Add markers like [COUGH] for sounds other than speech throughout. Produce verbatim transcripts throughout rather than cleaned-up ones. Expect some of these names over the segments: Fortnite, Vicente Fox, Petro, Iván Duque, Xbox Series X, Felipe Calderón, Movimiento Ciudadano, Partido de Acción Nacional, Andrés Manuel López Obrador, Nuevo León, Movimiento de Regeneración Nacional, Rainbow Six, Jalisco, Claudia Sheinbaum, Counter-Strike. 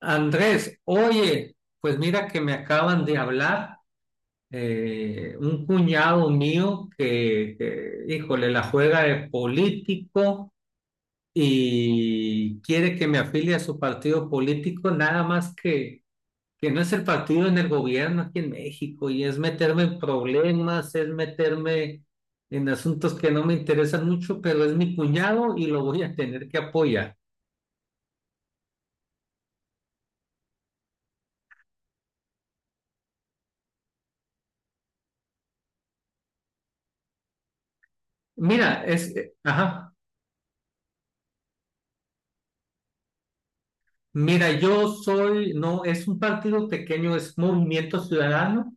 Andrés, oye, pues mira que me acaban de hablar eh, un cuñado mío que, que, híjole, la juega de político y quiere que me afilie a su partido político, nada más que, que no es el partido en el gobierno aquí en México y es meterme en problemas, es meterme en asuntos que no me interesan mucho, pero es mi cuñado y lo voy a tener que apoyar. Mira, es, eh, ajá. Mira, yo soy, no, es un partido pequeño, es Movimiento Ciudadano,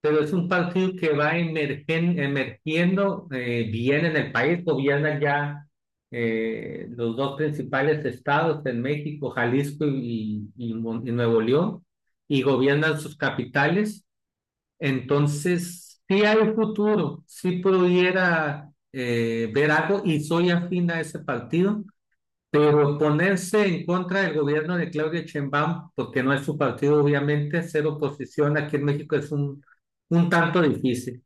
pero es un partido que va emergen- emergiendo eh, bien en el país, gobierna ya eh, los dos principales estados en México, Jalisco y, y Mon- y Nuevo León, y gobiernan sus capitales. Entonces, sí hay futuro, sí pudiera eh, ver algo y soy afín a ese partido. Pero ponerse en contra del gobierno de Claudia Sheinbaum, porque no es su partido, obviamente, ser oposición aquí en México es un, un tanto difícil,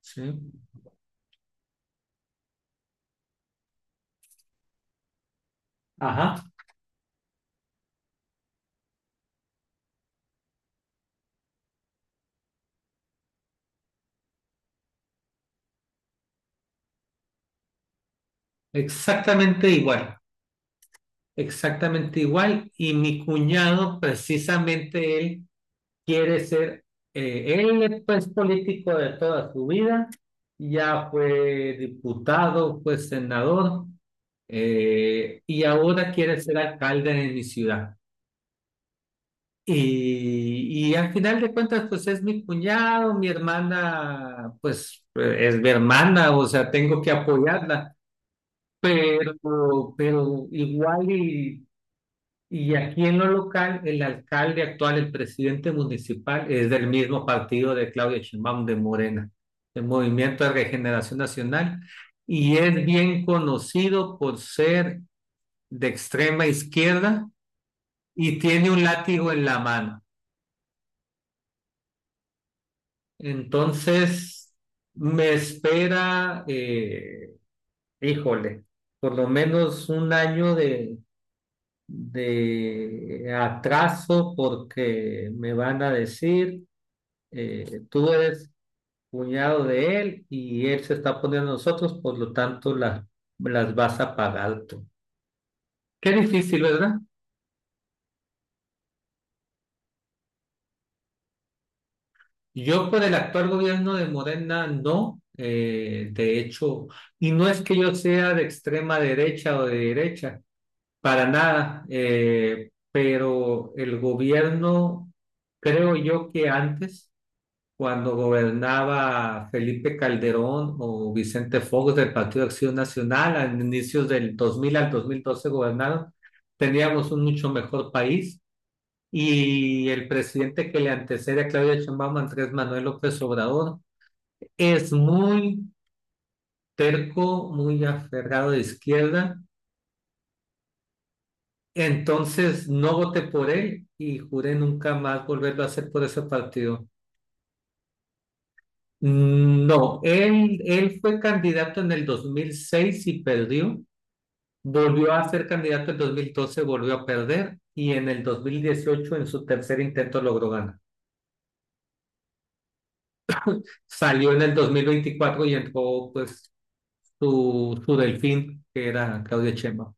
¿sí? Ajá, exactamente igual, exactamente igual. Y mi cuñado, precisamente él, quiere ser, eh, él es pues, político de toda su vida, ya fue diputado, fue senador, eh, y ahora quiere ser alcalde de mi ciudad. Y, y al final de cuentas, pues es mi cuñado, mi hermana, pues eh, es mi hermana, o sea, tengo que apoyarla, pero, pero igual y, y aquí en lo local, el alcalde actual, el presidente municipal, es del mismo partido de Claudia Sheinbaum, de Morena, el Movimiento de Regeneración Nacional, y es bien conocido por ser de extrema izquierda y tiene un látigo en la mano. Entonces, me espera, eh, híjole, por lo menos un año de, de atraso porque me van a decir, eh, tú eres cuñado de él y él se está poniendo a nosotros, por lo tanto las, las vas a pagar tú. Qué difícil, ¿verdad? Yo por el actual gobierno de Morena no, eh, de hecho, y no es que yo sea de extrema derecha o de derecha. Para nada, eh, pero el gobierno, creo yo que antes, cuando gobernaba Felipe Calderón o Vicente Fox del Partido de Acción Nacional, a inicios del dos mil al dos mil doce gobernaron, teníamos un mucho mejor país y el presidente que le antecede a Claudia Sheinbaum, Andrés Manuel López Obrador, es muy terco, muy aferrado de izquierda. Entonces no voté por él y juré nunca más volverlo a hacer por ese partido. Mm, no, él, él fue candidato en el dos mil seis y perdió. Volvió a ser candidato en dos mil doce, volvió a perder y en el dos mil dieciocho en su tercer intento logró ganar. Salió en el dos mil veinticuatro y entró pues su, su delfín, que era Claudia Sheinbaum.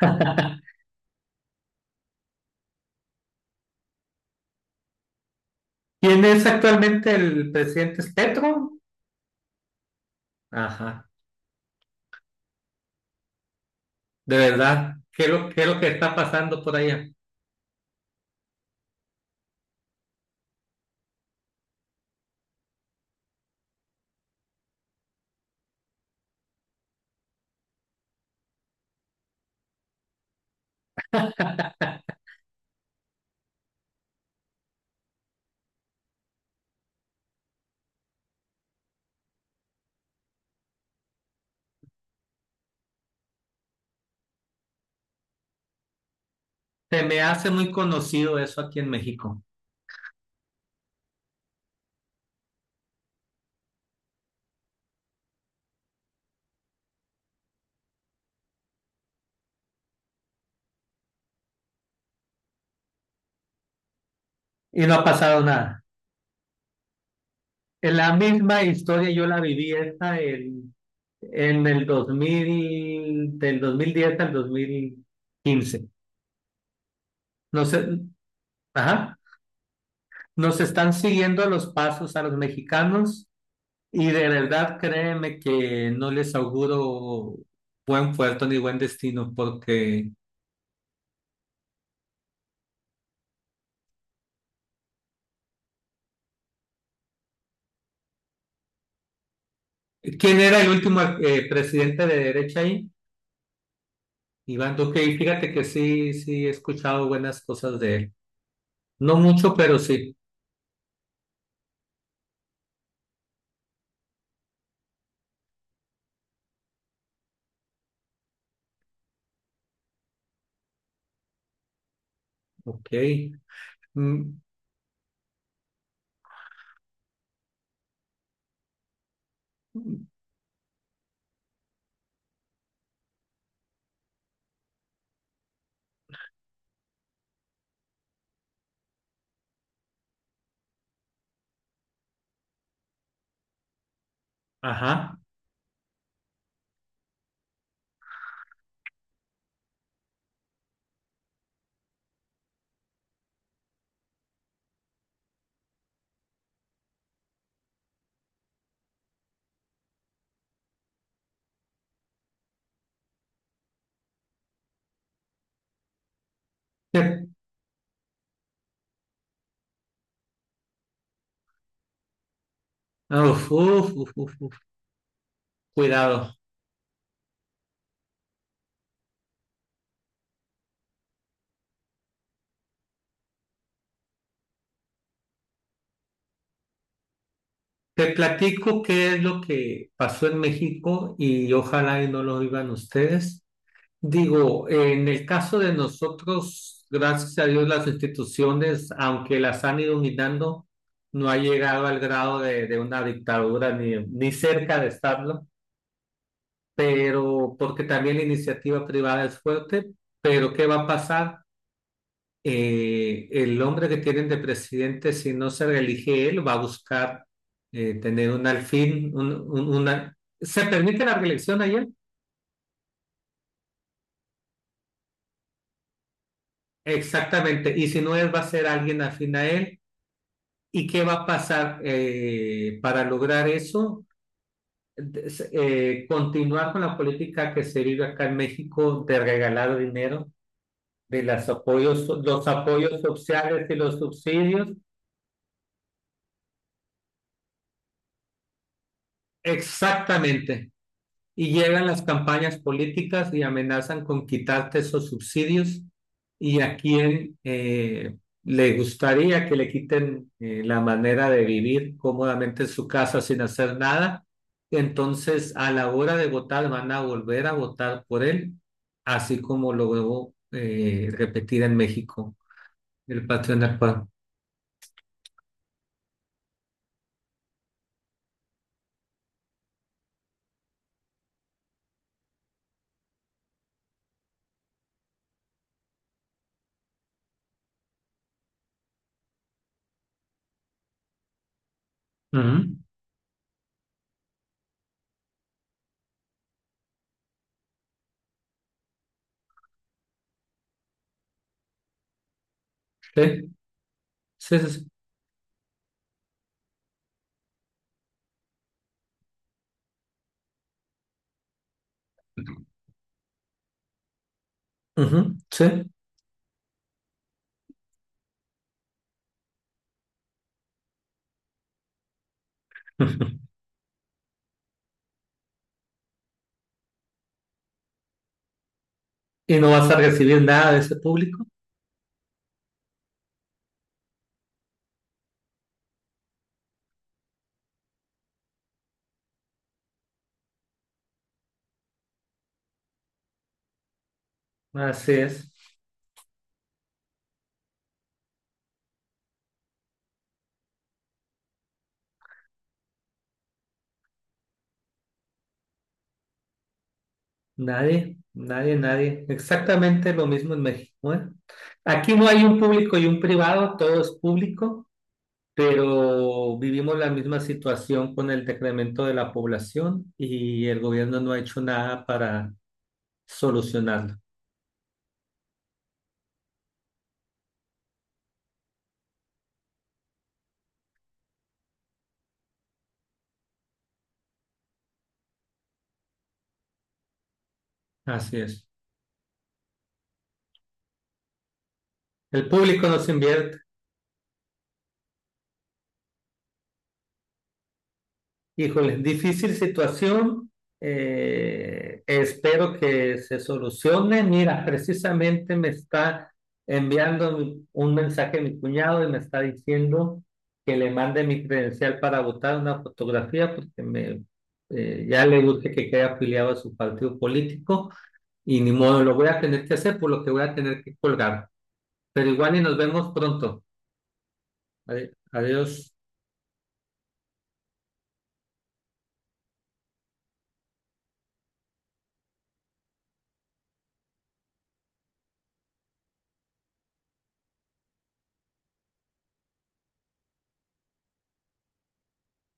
[LAUGHS] ¿Quién es actualmente el presidente? ¿Es Petro? Ajá. De verdad, ¿qué es lo, qué es lo que está pasando por allá? Se me hace muy conocido eso aquí en México y no ha pasado nada. En la misma historia yo la viví esta en, en el dos mil, del dos mil diez al dos mil quince. No sé, ajá, nos están siguiendo los pasos a los mexicanos y de verdad créeme que no les auguro buen puerto ni buen destino porque ¿quién era el último eh, presidente de derecha ahí? Iván Duque, y fíjate que sí, sí, he escuchado buenas cosas de él. No mucho, pero sí. Ok. Mm, ajá. Te- uf, uf, uf, uf, uf. Cuidado. Te platico qué es lo que pasó en México y ojalá y no lo vivan ustedes. Digo, en el caso de nosotros, gracias a Dios, las instituciones, aunque las han ido minando, no ha llegado al grado de, de una dictadura ni, ni cerca de estarlo. Pero porque también la iniciativa privada es fuerte, pero ¿qué va a pasar? Eh, el hombre que tienen de presidente, si no se reelige él, va a buscar eh, tener un alfil, un, un- una... ¿Se permite la reelección ayer? Exactamente, y si no él, va a ser alguien afín a él. ¿Y qué va a pasar eh, para lograr eso? eh, continuar con la política que se vive acá en México de regalar dinero de los apoyos, los apoyos sociales y los subsidios. Exactamente. Y llegan las campañas políticas y amenazan con quitarte esos subsidios y a quién eh, le gustaría que le quiten eh, la manera de vivir cómodamente en su casa sin hacer nada. Entonces, a la hora de votar, van a volver a votar por él, así como lo debo eh, repetir en México, el patrón del Uh -huh. Sí, sí, sí. Sí. Ujú, sí. [LAUGHS] Y no vas a recibir nada de ese público. Así es. Nadie, nadie, nadie. Exactamente lo mismo en México, ¿eh? Aquí no hay un público y un privado, todo es público, pero vivimos la misma situación con el decremento de la población y el gobierno no ha hecho nada para solucionarlo. Así es. El público no se invierte. Híjole, difícil situación. Eh, espero que se solucione. Mira, precisamente me está enviando mi- un mensaje mi cuñado y me está diciendo que le mande mi credencial para votar, una fotografía porque me, eh, ya le urge que quede afiliado a su partido político y ni modo, lo voy a tener que hacer por lo que voy a tener que colgar. Pero igual y nos vemos pronto. Ade- Adiós.